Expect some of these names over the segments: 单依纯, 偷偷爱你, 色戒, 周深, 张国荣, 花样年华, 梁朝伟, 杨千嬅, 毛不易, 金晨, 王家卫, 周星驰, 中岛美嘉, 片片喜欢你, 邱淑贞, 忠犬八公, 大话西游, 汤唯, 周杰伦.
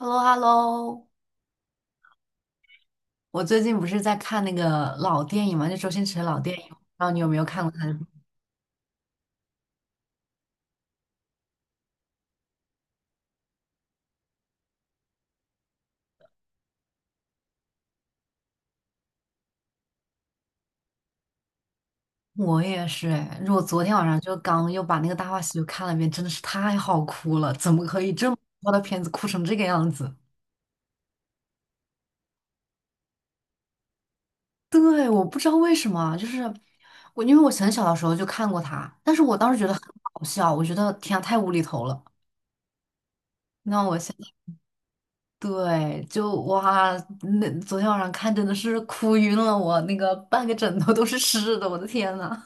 h e l l o h e l l o 我最近不是在看那个老电影嘛，就周星驰的老电影，不知道你有没有看过他的？我也是哎，我昨天晚上就刚又把那个《大话西游》看了一遍，真的是太好哭了！怎么可以这么糟的片子哭成这个样子？对，我不知道为什么啊，就是我，因为我很小的时候就看过他，但是我当时觉得很好笑，我觉得天啊，太无厘头了。那我现在对，就哇，那昨天晚上看真的是哭晕了我，那个半个枕头都是湿的，我的天呐！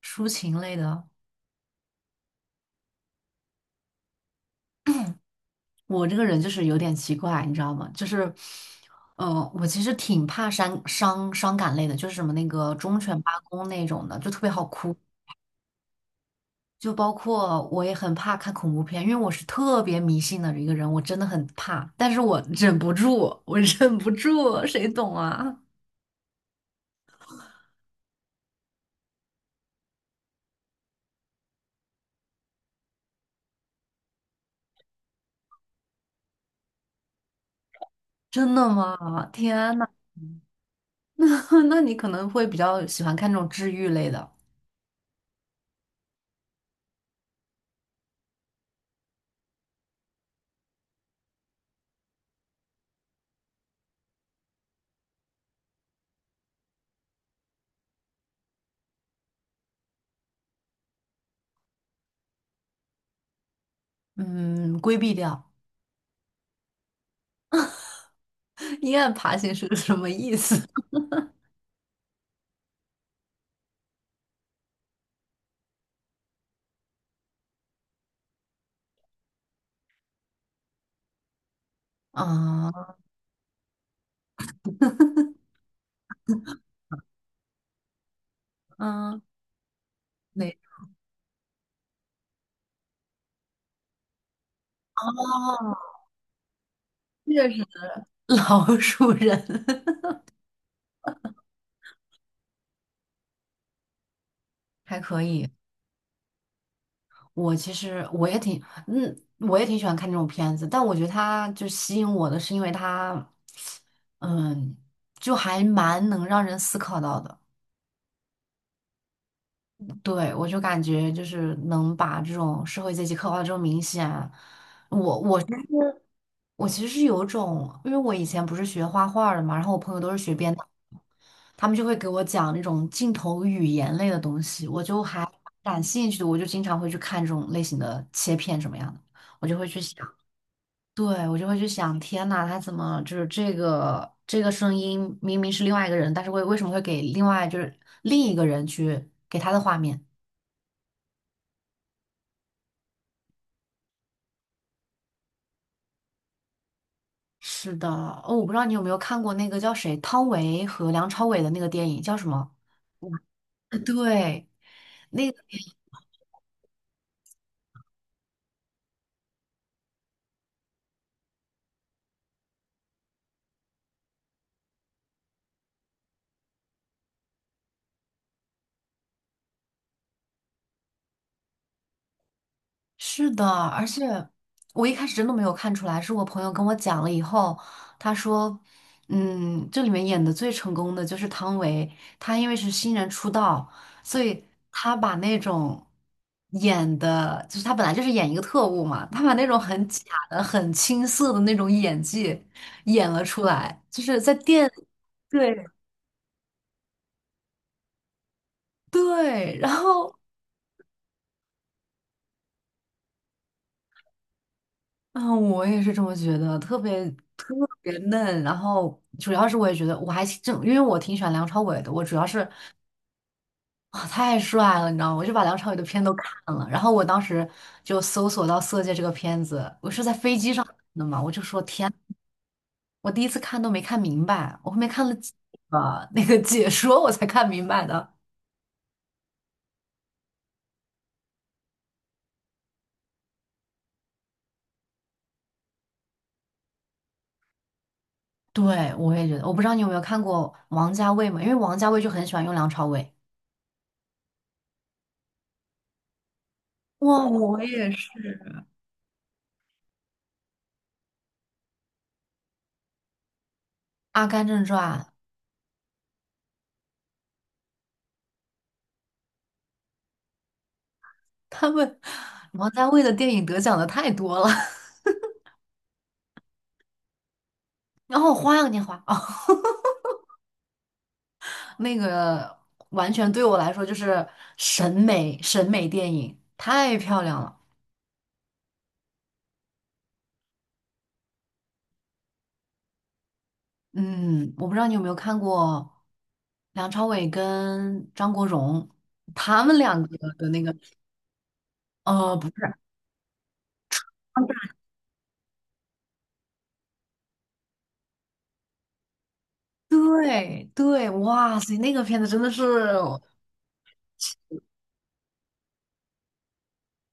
抒情类的。我这个人就是有点奇怪，你知道吗？就是，我其实挺怕伤感类的，就是什么那个忠犬八公那种的，就特别好哭。就包括我也很怕看恐怖片，因为我是特别迷信的一个人，我真的很怕，但是我忍不住，我忍不住，谁懂啊？真的吗？天呐，那那你可能会比较喜欢看这种治愈类的，嗯，规避掉。阴暗爬行是个什么意思？啊、嗯，哪哦，这个是老鼠人。 还可以。我其实我也挺，我也挺喜欢看这种片子，但我觉得它就吸引我的是因为它，嗯，就还蛮能让人思考到的。对，我就感觉就是能把这种社会阶级刻画的这么明显啊。我其实是有种，因为我以前不是学画画的嘛，然后我朋友都是学编。导。他们就会给我讲那种镜头语言类的东西，我就还感兴趣的，我就经常会去看这种类型的切片什么样的，我就会去想，对，我就会去想，天呐，他怎么就是这个声音明明是另外一个人，但是为什么会给另外就是另一个人去给他的画面？是的，哦，我不知道你有没有看过那个叫谁汤唯和梁朝伟的那个电影叫什么？对。那。是的，而且我一开始真的没有看出来，是我朋友跟我讲了以后，他说，嗯，这里面演的最成功的就是汤唯，她因为是新人出道，所以她把那种演的，就是她本来就是演一个特务嘛，她把那种很假的、很青涩的那种演技演了出来，就是在电，对对，然后。啊，我也是这么觉得，特别嫩。然后主要是我也觉得，我还正因为我挺喜欢梁朝伟的，我主要是啊太帅了，你知道吗？我就把梁朝伟的片都看了。然后我当时就搜索到《色戒》这个片子，我是在飞机上看的嘛，我就说天，我第一次看都没看明白，我后面看了几个那个解说我才看明白的。对，我也觉得，我不知道你有没有看过王家卫嘛？因为王家卫就很喜欢用梁朝伟。哇，我也是。《阿甘正传》。他们王家卫的电影得奖的太多了，然后《花样年华》哦，那个完全对我来说就是审美电影，太漂亮了。嗯，我不知道你有没有看过梁朝伟跟张国荣他们两个的那个，不是，对对，哇塞，那个片子真的是，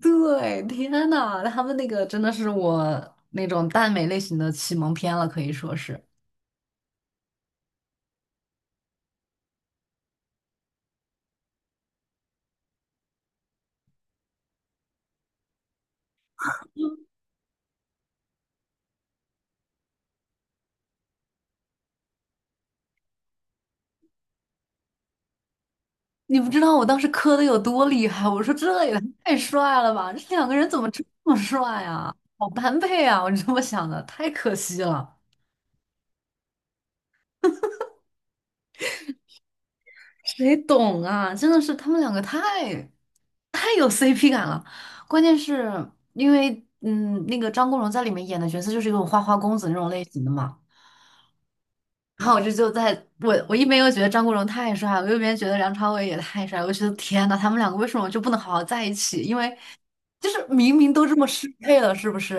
对，天呐，他们那个真的是我那种耽美类型的启蒙片了，可以说是。你不知道我当时磕的有多厉害，我说这也太帅了吧，这两个人怎么这么帅啊？好般配啊！我这么想的，太可惜了，谁懂啊？真的是他们两个太有 CP 感了。关键是因为，那个张国荣在里面演的角色就是一种花花公子那种类型的嘛。然后我这就在我一边又觉得张国荣太帅了，我一边觉得梁朝伟也太帅了，我觉得天呐，他们两个为什么就不能好好在一起？因为就是明明都这么适配了，是不是？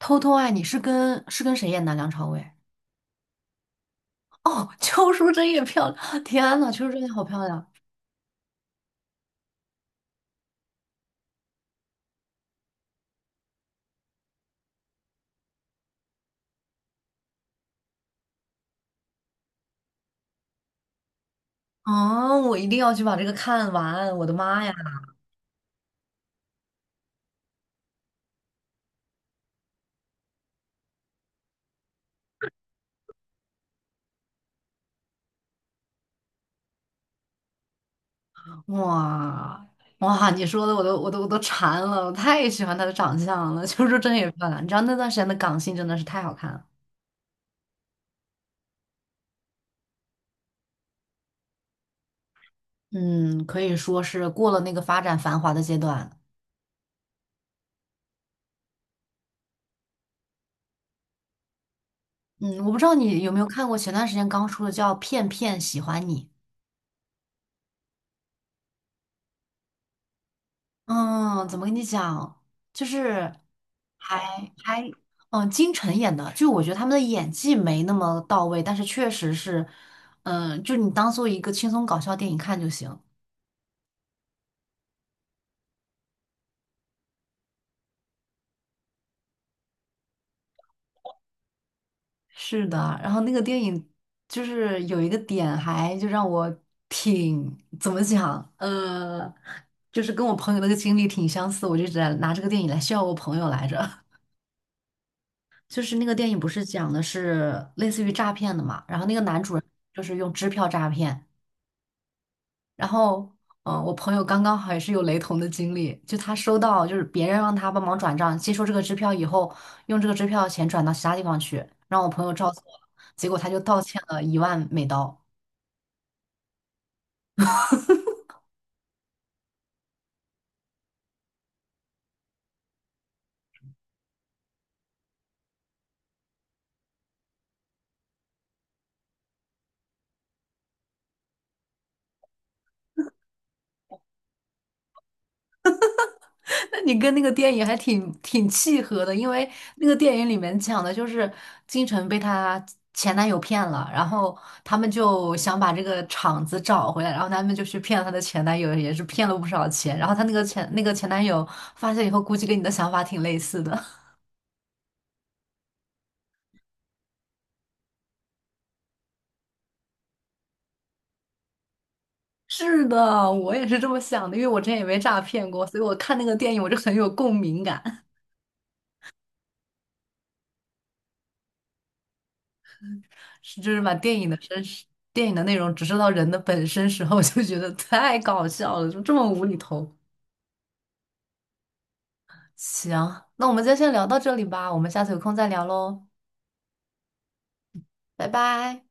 偷偷爱你是跟谁演的啊？梁朝伟？哦，邱淑贞也漂亮，天呐，邱淑贞也好漂亮啊！我一定要去把这个看完，我的妈呀，哇！哇，你说的我都馋了，我太喜欢她的长相了，邱淑贞也漂亮。你知道那段时间的港星真的是太好看了。嗯，可以说是过了那个发展繁华的阶段。嗯，我不知道你有没有看过前段时间刚出的叫《片片喜欢你》。嗯，怎么跟你讲，就是还还嗯，金晨演的，就我觉得他们的演技没那么到位，但是确实是，就你当做一个轻松搞笑电影看就行。是的，然后那个电影就是有一个点，还就让我怎么讲，就是跟我朋友那个经历挺相似，我就一直在拿这个电影来笑我朋友来着。就是那个电影不是讲的是类似于诈骗的嘛，然后那个男主人就是用支票诈骗，然后，嗯、我朋友刚刚好也是有雷同的经历，就他收到就是别人让他帮忙转账，接收这个支票以后，用这个支票钱转到其他地方去，让我朋友照做了，结果他就倒欠了1万美刀。那你跟那个电影还挺契合的，因为那个电影里面讲的就是金晨被她前男友骗了，然后他们就想把这个场子找回来，然后他们就去骗了她的前男友，也是骗了不少钱。然后她那个前男友发现以后，估计跟你的想法挺类似的。是的，我也是这么想的，因为我之前也被诈骗过，所以我看那个电影我就很有共鸣感，是就是把电影的真实、电影的内容直射到人的本身时候，我就觉得太搞笑了，就这么无厘头。行，那我们今天先聊到这里吧，我们下次有空再聊喽，拜拜。